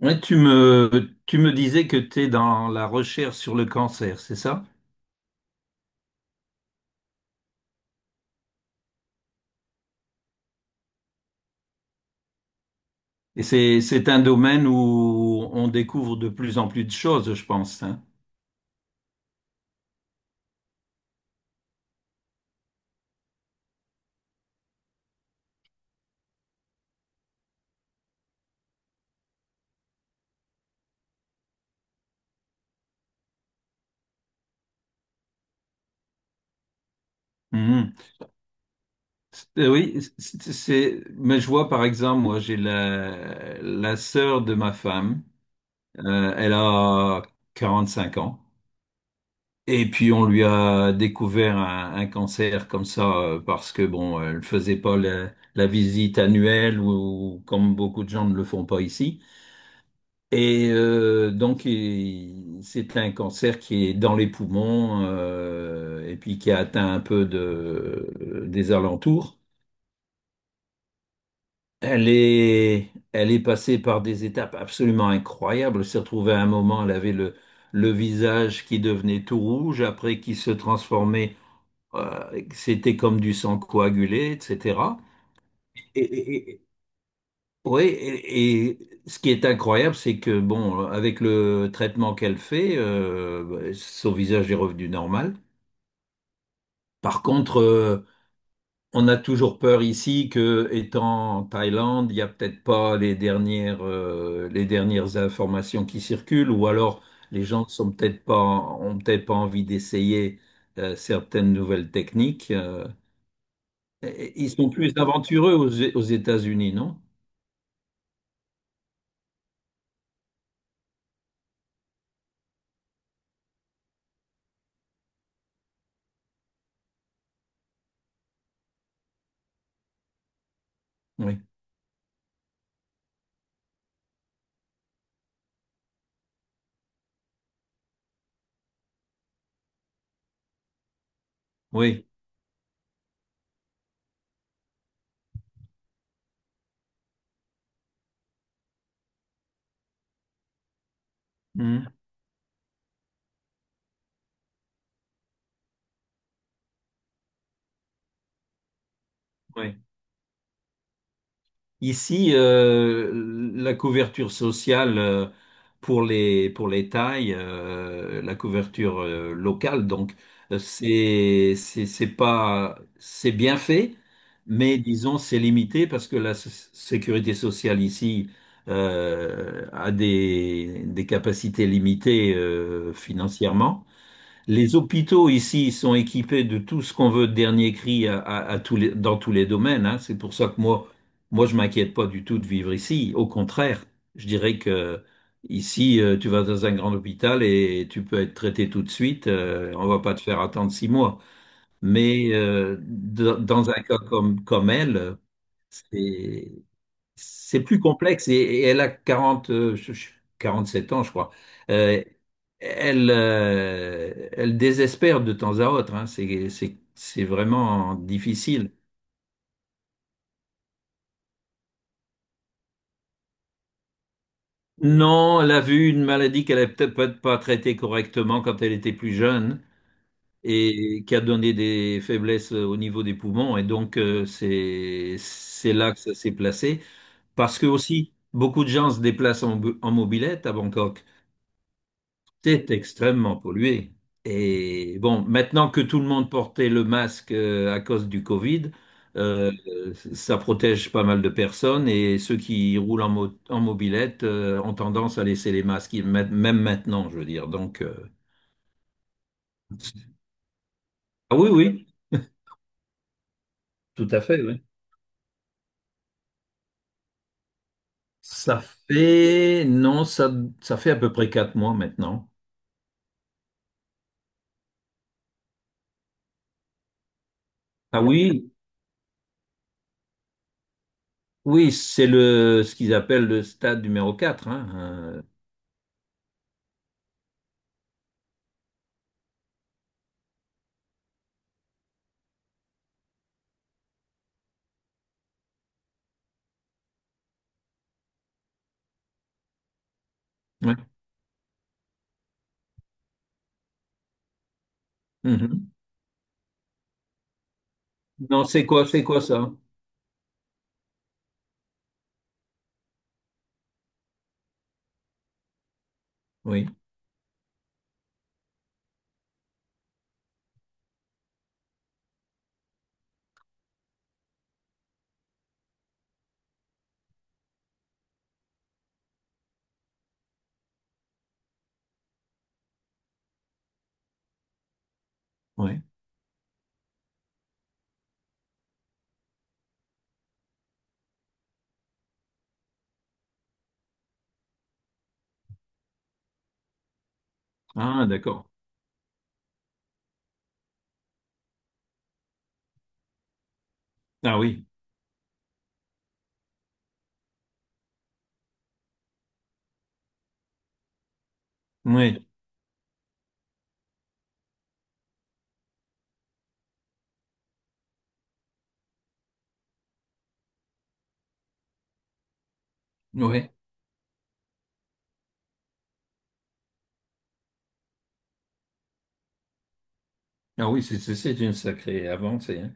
Ouais, tu me disais que tu es dans la recherche sur le cancer, c'est ça? Et c'est un domaine où on découvre de plus en plus de choses, je pense, hein. Mhm. Oui, mais je vois par exemple, moi j'ai la, la sœur de ma femme, elle a 45 ans, et puis on lui a découvert un cancer comme ça, parce que bon, elle faisait pas la, la visite annuelle, ou comme beaucoup de gens ne le font pas ici. Et donc, c'est un cancer qui est dans les poumons et puis qui a atteint un peu de, des alentours. Elle est passée par des étapes absolument incroyables. Elle s'est retrouvée à un moment, elle avait le visage qui devenait tout rouge, après qui se transformait, c'était comme du sang coagulé, etc. Oui, et ce qui est incroyable, c'est que bon, avec le traitement qu'elle fait, bah, son visage est revenu normal. Par contre, on a toujours peur ici que, étant en Thaïlande, il n'y a peut-être pas les dernières, les dernières informations qui circulent, ou alors les gens sont peut-être pas, ont peut-être pas envie d'essayer certaines nouvelles techniques. Et ils sont plus aventureux aux, aux États-Unis, non? Oui. Oui. Mhm. Oui. Ici, la couverture sociale pour les tailles, la couverture locale, donc c'est pas c'est bien fait, mais disons c'est limité parce que la sécurité sociale ici a des capacités limitées financièrement. Les hôpitaux ici sont équipés de tout ce qu'on veut de dernier cri à, à tous dans tous les domaines, hein. C'est pour ça que moi, moi, je m'inquiète pas du tout de vivre ici. Au contraire, je dirais que ici, tu vas dans un grand hôpital et tu peux être traité tout de suite. On va pas te faire attendre 6 mois. Mais dans dans un cas comme, comme elle, c'est c'est plus complexe et elle a 40 47 ans, je crois. Euh, elle, elle désespère de temps à autre, hein. C'est vraiment difficile. Non, elle a vu une maladie qu'elle n'avait peut-être pas pas traitée correctement quand elle était plus jeune et qui a donné des faiblesses au niveau des poumons. Et donc, c'est là que ça s'est placé. Parce que aussi, beaucoup de gens se déplacent en, en mobilette à Bangkok. C'était extrêmement pollué. Et bon, maintenant que tout le monde portait le masque à cause du Covid, euh, ça protège pas mal de personnes et ceux qui roulent en, en mobilette ont tendance à laisser les masques, même même maintenant, je veux dire. Donc, ah oui, oui, tout à fait, oui. Ça fait, non, ça fait à peu près 4 mois maintenant. Ah oui, oui, c'est le, ce qu'ils appellent le stade numéro 4, hein. Ouais. Mhm. Non, c'est quoi ça? Oui, oui. Ah, d'accord. Ah oui, oui, oui. Ah oui, c'est une sacrée avancée, hein.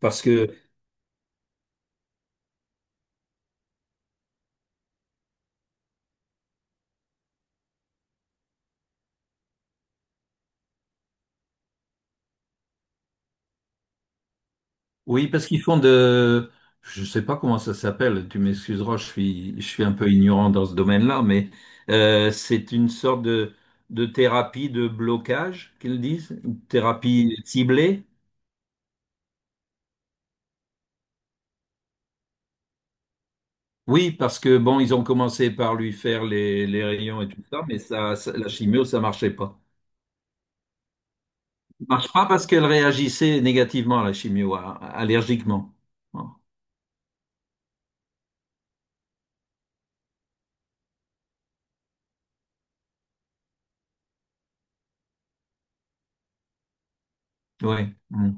Parce que, oui, parce qu'ils font de, je sais pas comment ça s'appelle, tu m'excuseras, je suis un peu ignorant dans ce domaine-là, mais c'est une sorte de thérapie de blocage, qu'ils disent, une thérapie ciblée. Oui, parce que, bon, ils ont commencé par lui faire les rayons et tout ça, mais ça, la chimio, ça marchait pas. Marche pas parce qu'elle réagissait négativement à la chimio, allergiquement. Bon, oui. Mmh.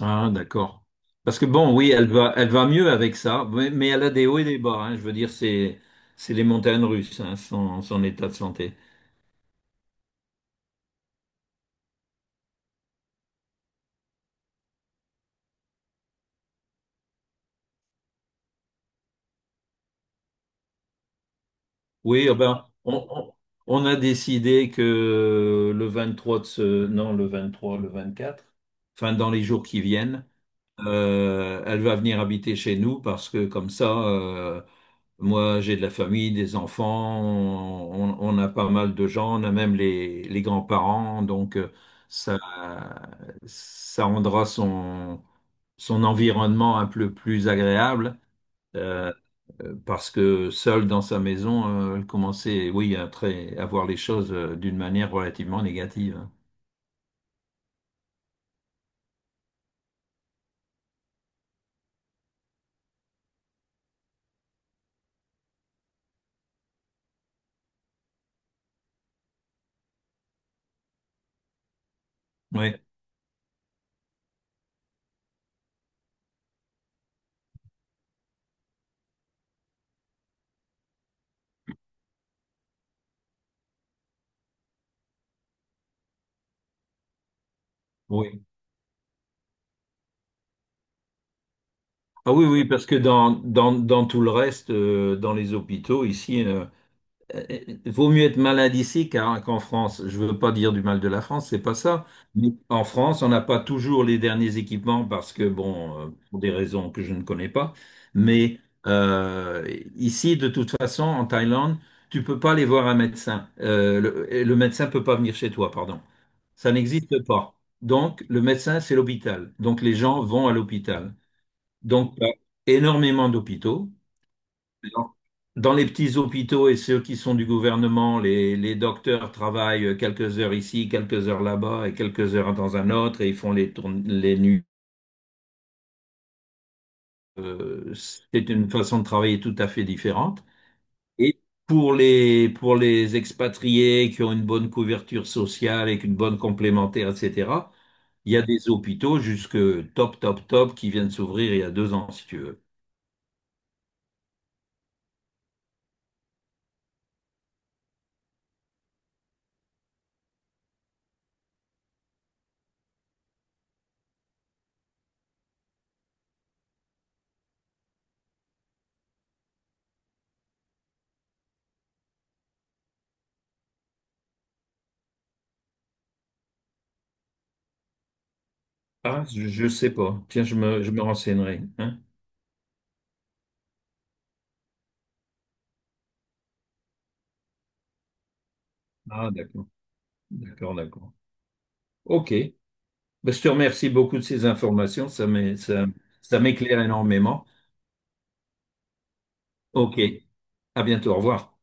Ah, d'accord. Parce que bon, oui, elle va mieux avec ça, mais elle a des hauts et des bas, hein. Je veux dire, c'est les montagnes russes, hein, son, son état de santé. Oui, eh ben, on a décidé que le 23 de ce, non, le 23, le 24, enfin, dans les jours qui viennent, elle va venir habiter chez nous parce que comme ça, moi j'ai de la famille, des enfants, on a pas mal de gens, on a même les grands-parents, donc ça, ça rendra son, son environnement un peu plus agréable euh, parce que seule dans sa maison, elle commençait, oui, à, à voir les choses d'une manière relativement négative, hein. Oui, oui. Ah oui, oui, parce que dans, dans, dans tout le reste, dans les hôpitaux, ici, euh, vaut mieux être malade ici qu'en France. Je veux pas dire du mal de la France, c'est pas ça. Mais en France, on n'a pas toujours les derniers équipements parce que, bon, pour des raisons que je ne connais pas. Mais euh, ici, de toute façon, en Thaïlande, tu peux pas aller voir un médecin. Le, et le médecin peut pas venir chez toi, pardon. Ça n'existe pas. Donc, le médecin, c'est l'hôpital. Donc, les gens vont à l'hôpital. Donc, il y a énormément d'hôpitaux. Dans dans les petits hôpitaux et ceux qui sont du gouvernement, les docteurs travaillent quelques heures ici, quelques heures là-bas et quelques heures dans un autre et ils font les, les nuits. C'est une façon de travailler tout à fait différente. Et pour les expatriés qui ont une bonne couverture sociale et une bonne complémentaire, etc., il y a des hôpitaux jusque top, top, top qui viennent s'ouvrir il y a 2 ans, si tu veux. Ah, je ne sais pas. Tiens, je me renseignerai, hein. Ah, d'accord. D'accord, d'accord. OK. Ben, je te remercie beaucoup de ces informations. Ça, ça m'éclaire énormément. OK. À bientôt. Au revoir.